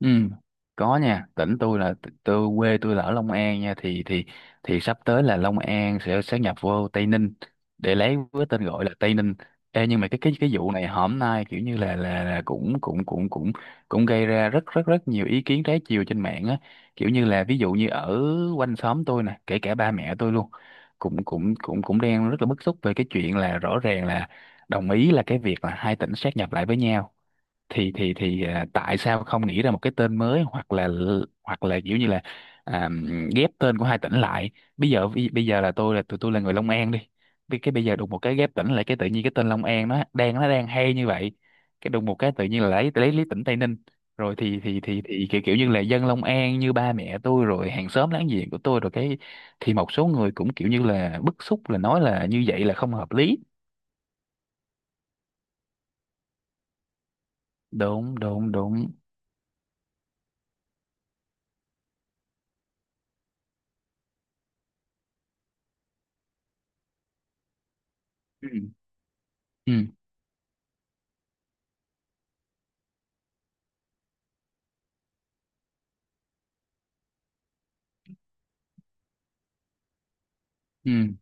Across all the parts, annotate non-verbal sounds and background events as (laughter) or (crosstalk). Ừ, có nha, tỉnh tôi là tôi, quê tôi là ở Long An nha. Thì sắp tới là Long An sẽ sát nhập vô Tây Ninh để lấy với tên gọi là Tây Ninh. Ê, nhưng mà cái vụ này hôm nay kiểu như là cũng cũng cũng cũng cũng gây ra rất rất rất nhiều ý kiến trái chiều trên mạng á, kiểu như là ví dụ như ở quanh xóm tôi nè, kể cả ba mẹ tôi luôn cũng cũng cũng cũng đang rất là bức xúc về cái chuyện là rõ ràng là đồng ý là cái việc là hai tỉnh sát nhập lại với nhau, thì tại sao không nghĩ ra một cái tên mới, hoặc là kiểu như là à, ghép tên của hai tỉnh lại. Bây giờ là tôi là tụi tôi là người Long An đi. Cái bây giờ đùng một cái ghép tỉnh lại, cái tự nhiên cái tên Long An nó đang hay như vậy, cái đùng một cái tự nhiên là lấy tỉnh Tây Ninh rồi, thì kiểu như là dân Long An như ba mẹ tôi rồi hàng xóm láng giềng của tôi rồi cái, thì một số người cũng kiểu như là bức xúc, là nói là như vậy là không hợp lý. Đúng, đúng, đúng. Ừ, ừ, ừ,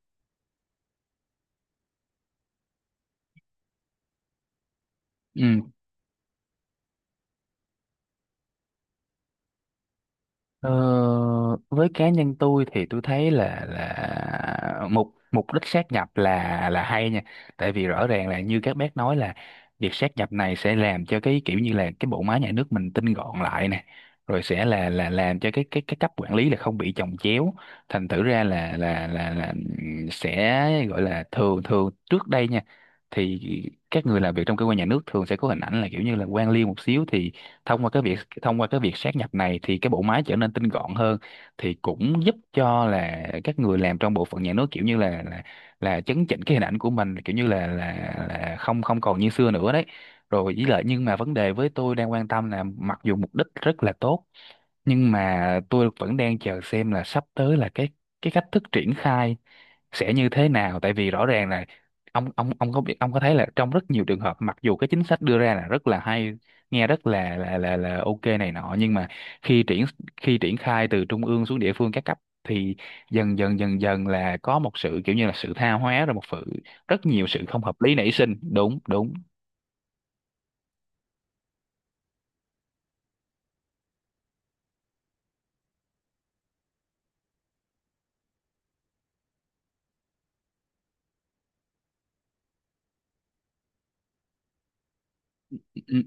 ừ. Ờ, với cá nhân tôi thì tôi thấy là mục mục đích sát nhập là hay nha. Tại vì rõ ràng là như các bác nói là việc sát nhập này sẽ làm cho cái kiểu như là cái bộ máy nhà nước mình tinh gọn lại nè, rồi sẽ là làm cho cái cấp quản lý là không bị chồng chéo. Thành thử ra là sẽ gọi là thường thường trước đây nha, thì các người làm việc trong cơ quan nhà nước thường sẽ có hình ảnh là kiểu như là quan liêu một xíu, thì thông qua cái việc sát nhập này thì cái bộ máy trở nên tinh gọn hơn, thì cũng giúp cho là các người làm trong bộ phận nhà nước kiểu như là chấn chỉnh cái hình ảnh của mình, kiểu như là không không còn như xưa nữa đấy. Rồi với lại nhưng mà vấn đề với tôi đang quan tâm là mặc dù mục đích rất là tốt, nhưng mà tôi vẫn đang chờ xem là sắp tới là cái cách thức triển khai sẽ như thế nào. Tại vì rõ ràng là ông có thấy là trong rất nhiều trường hợp mặc dù cái chính sách đưa ra là rất là hay, nghe rất là ok này nọ, nhưng mà khi triển khi triển khai từ trung ương xuống địa phương các cấp thì dần dần là có một sự kiểu như là sự tha hóa, rồi một sự rất nhiều sự không hợp lý nảy sinh. Đúng, đúng. Ừ,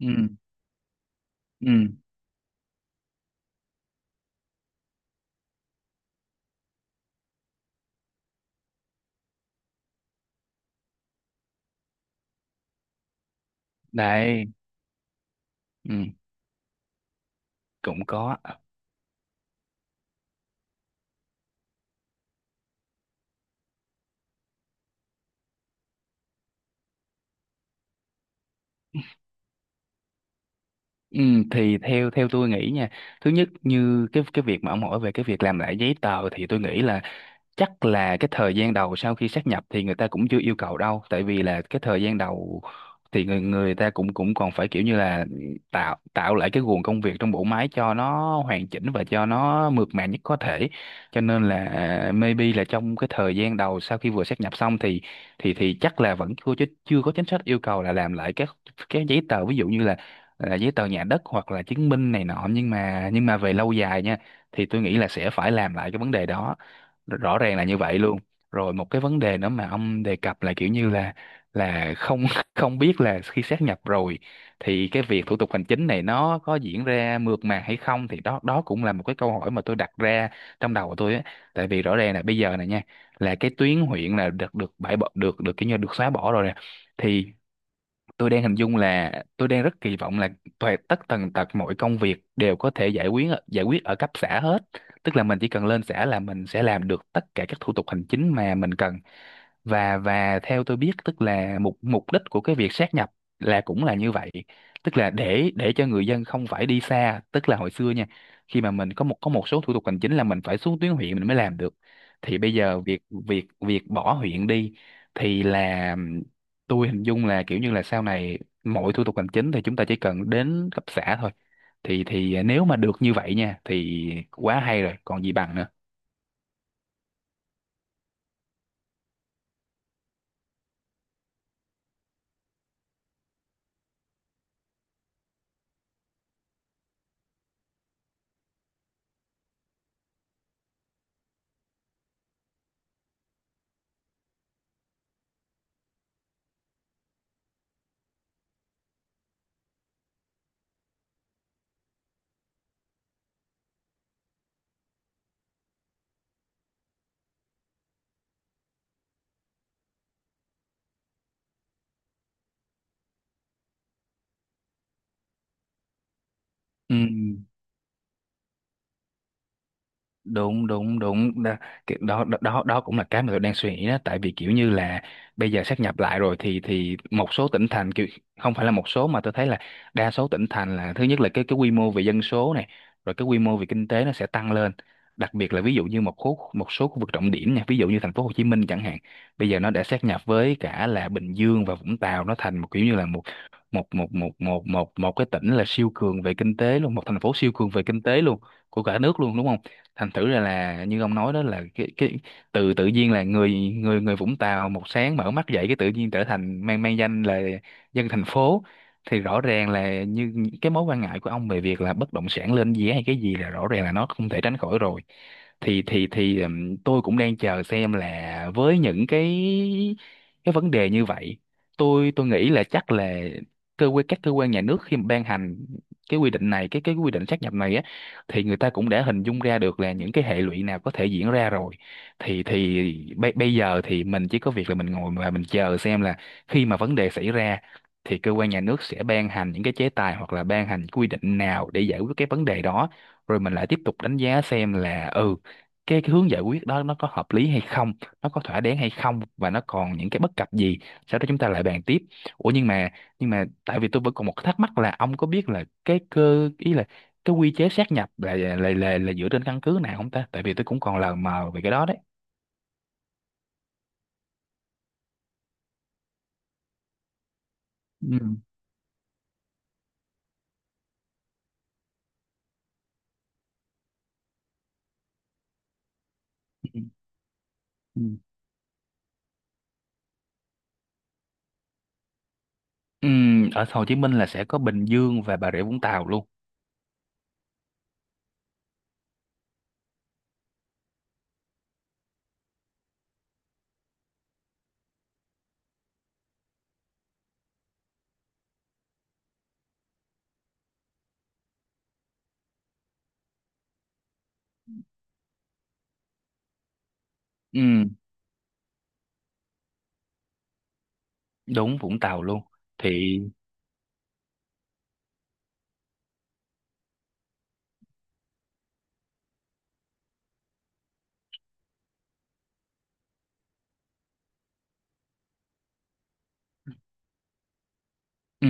ừ, ừ. Đấy. Ừ, cũng có. Ừ, thì theo theo tôi nghĩ nha, thứ nhất như cái việc mà ông hỏi về cái việc làm lại giấy tờ thì tôi nghĩ là chắc là cái thời gian đầu sau khi sát nhập thì người ta cũng chưa yêu cầu đâu, tại vì là cái thời gian đầu thì người người ta cũng cũng còn phải kiểu như là tạo tạo lại cái guồng công việc trong bộ máy cho nó hoàn chỉnh và cho nó mượt mà nhất có thể, cho nên là maybe là trong cái thời gian đầu sau khi vừa sát nhập xong thì chắc là vẫn chưa chưa có chính sách yêu cầu là làm lại các giấy tờ, ví dụ như là giấy tờ nhà đất hoặc là chứng minh này nọ, nhưng mà về lâu dài nha, thì tôi nghĩ là sẽ phải làm lại cái vấn đề đó. Rõ ràng là như vậy luôn. Rồi một cái vấn đề nữa mà ông đề cập là kiểu như là không (laughs) không biết là khi sát nhập rồi thì cái việc thủ tục hành chính này nó có diễn ra mượt mà hay không, thì đó đó cũng là một cái câu hỏi mà tôi đặt ra trong đầu của tôi á. Tại vì rõ ràng là bây giờ này nha, là cái tuyến huyện là được được bãi bỏ, được được kiểu như được xóa bỏ rồi nè, thì tôi đang hình dung là tôi đang rất kỳ vọng là toàn tất tần tật mọi công việc đều có thể giải quyết ở cấp xã hết, tức là mình chỉ cần lên xã là mình sẽ làm được tất cả các thủ tục hành chính mà mình cần, và theo tôi biết tức là mục mục đích của cái việc sát nhập là cũng là như vậy, tức là để cho người dân không phải đi xa. Tức là hồi xưa nha, khi mà mình có một số thủ tục hành chính là mình phải xuống tuyến huyện mình mới làm được, thì bây giờ việc việc việc bỏ huyện đi thì là tôi hình dung là kiểu như là sau này mọi thủ tục hành chính thì chúng ta chỉ cần đến cấp xã thôi, thì nếu mà được như vậy nha thì quá hay rồi còn gì bằng nữa. Ừ, đúng, đúng, đúng đó. Cái- đó đó đó đó cũng là cái mà tôi đang suy nghĩ đó, tại vì kiểu như là bây giờ sáp nhập lại rồi thì một số tỉnh thành kiểu, không phải là một số mà tôi thấy là đa số tỉnh thành là thứ nhất là cái quy mô về dân số này, rồi cái quy mô về kinh tế nó sẽ tăng lên, đặc biệt là ví dụ như một số khu vực trọng điểm nha, ví dụ như thành phố Hồ Chí Minh chẳng hạn, bây giờ nó đã sáp nhập với cả là Bình Dương và Vũng Tàu, nó thành một kiểu như là một một một một một một một cái tỉnh là siêu cường về kinh tế luôn, một thành phố siêu cường về kinh tế luôn của cả nước luôn, đúng không. Thành thử ra là như ông nói đó, là cái tự nhiên là người người người Vũng Tàu một sáng mở mắt dậy cái tự nhiên trở thành mang mang danh là dân thành phố, thì rõ ràng là như cái mối quan ngại của ông về việc là bất động sản lên giá hay cái gì là rõ ràng là nó không thể tránh khỏi rồi. Thì tôi cũng đang chờ xem là với những cái vấn đề như vậy tôi nghĩ là chắc là cơ quan các cơ quan nhà nước khi mà ban hành cái quy định sát nhập này á, thì người ta cũng đã hình dung ra được là những cái hệ lụy nào có thể diễn ra rồi. Thì bây giờ thì mình chỉ có việc là mình ngồi và mình chờ xem là khi mà vấn đề xảy ra thì cơ quan nhà nước sẽ ban hành những cái chế tài hoặc là ban hành quy định nào để giải quyết cái vấn đề đó, rồi mình lại tiếp tục đánh giá xem là cái hướng giải quyết đó nó có hợp lý hay không, nó có thỏa đáng hay không, và nó còn những cái bất cập gì, sau đó chúng ta lại bàn tiếp. Ủa, nhưng mà tại vì tôi vẫn còn một cái thắc mắc là ông có biết là cái cơ ý là cái quy chế sát nhập là dựa trên căn cứ nào không ta, tại vì tôi cũng còn lờ mờ về cái đó đấy. Ừ. Ừ. Ừ. Ừ, ở Hồ Chí Minh là sẽ có Bình Dương và Bà Rịa Vũng Tàu luôn. Ừ, đúng, Vũng Tàu luôn thì. Ừ.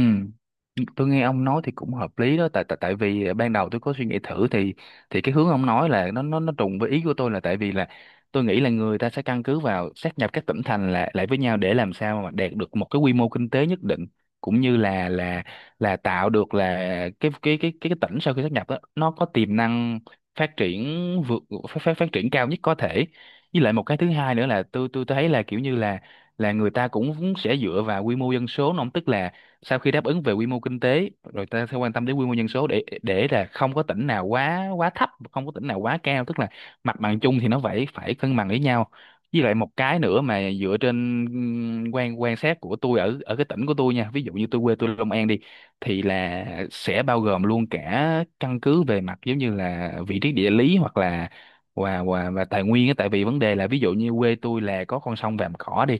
Tôi nghe ông nói thì cũng hợp lý đó, tại tại tại vì ban đầu tôi có suy nghĩ thử thì cái hướng ông nói là nó trùng với ý của tôi, là tại vì là tôi nghĩ là người ta sẽ căn cứ vào sát nhập các tỉnh thành lại lại với nhau để làm sao mà đạt được một cái quy mô kinh tế nhất định, cũng như là tạo được là cái tỉnh sau khi sát nhập đó nó có tiềm năng phát triển vượt phát, phát phát triển cao nhất có thể. Với lại một cái thứ hai nữa là tôi thấy là kiểu như là người ta cũng sẽ dựa vào quy mô dân số nó, tức là sau khi đáp ứng về quy mô kinh tế rồi ta sẽ quan tâm đến quy mô dân số, để là không có tỉnh nào quá quá thấp, không có tỉnh nào quá cao, tức là mặt bằng chung thì nó phải phải cân bằng với nhau. Với lại một cái nữa mà dựa trên quan quan sát của tôi ở ở cái tỉnh của tôi nha, ví dụ như tôi quê tôi Long An đi thì là sẽ bao gồm luôn cả căn cứ về mặt giống như là vị trí địa lý, hoặc là và tài nguyên á, tại vì vấn đề là ví dụ như quê tôi là có con sông Vàm Cỏ đi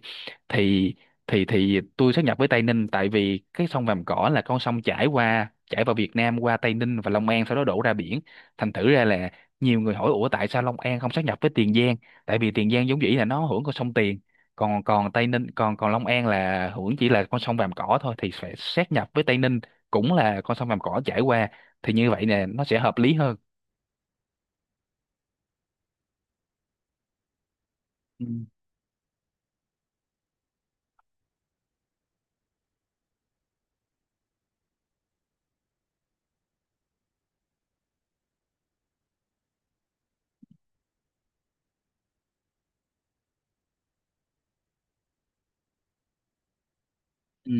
thì thì tôi sát nhập với Tây Ninh, tại vì cái sông Vàm Cỏ là con sông chảy vào Việt Nam qua Tây Ninh và Long An sau đó đổ ra biển. Thành thử ra là nhiều người hỏi ủa tại sao Long An không sát nhập với Tiền Giang, tại vì Tiền Giang vốn dĩ là nó hưởng con sông Tiền, còn còn Tây Ninh, còn còn Long An là hưởng chỉ là con sông Vàm Cỏ thôi, thì phải sát nhập với Tây Ninh cũng là con sông Vàm Cỏ chảy qua, thì như vậy nè nó sẽ hợp lý hơn. Ừ. Ừ.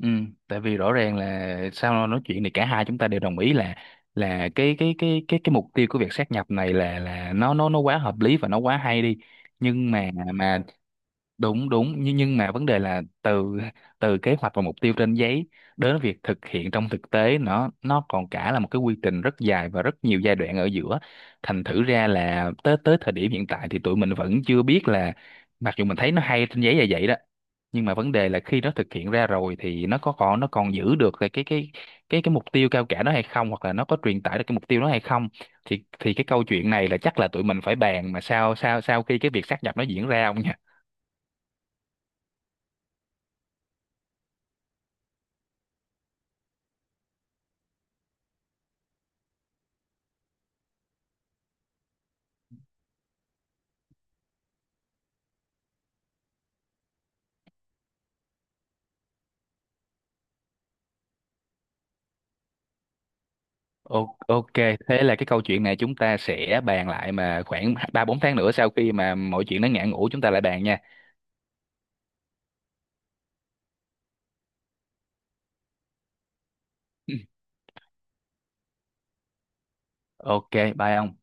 Ừ, tại vì rõ ràng là sau nói chuyện thì cả hai chúng ta đều đồng ý là cái mục tiêu của việc sát nhập này là nó quá hợp lý và nó quá hay đi, nhưng mà đúng, đúng, nhưng mà vấn đề là từ từ kế hoạch và mục tiêu trên giấy đến việc thực hiện trong thực tế, nó còn cả là một cái quy trình rất dài và rất nhiều giai đoạn ở giữa, thành thử ra là tới tới thời điểm hiện tại thì tụi mình vẫn chưa biết là mặc dù mình thấy nó hay trên giấy là vậy đó, nhưng mà vấn đề là khi nó thực hiện ra rồi thì nó còn giữ được cái mục tiêu cao cả đó hay không, hoặc là nó có truyền tải được cái mục tiêu đó hay không. Thì cái câu chuyện này là chắc là tụi mình phải bàn mà sau sau sau khi cái việc sát nhập nó diễn ra, ông nhỉ. Ok, thế là cái câu chuyện này chúng ta sẽ bàn lại mà khoảng 3 4 tháng nữa sau khi mà mọi chuyện nó ngã ngũ, chúng ta lại bàn nha. (clears throat) Ok, bye ông.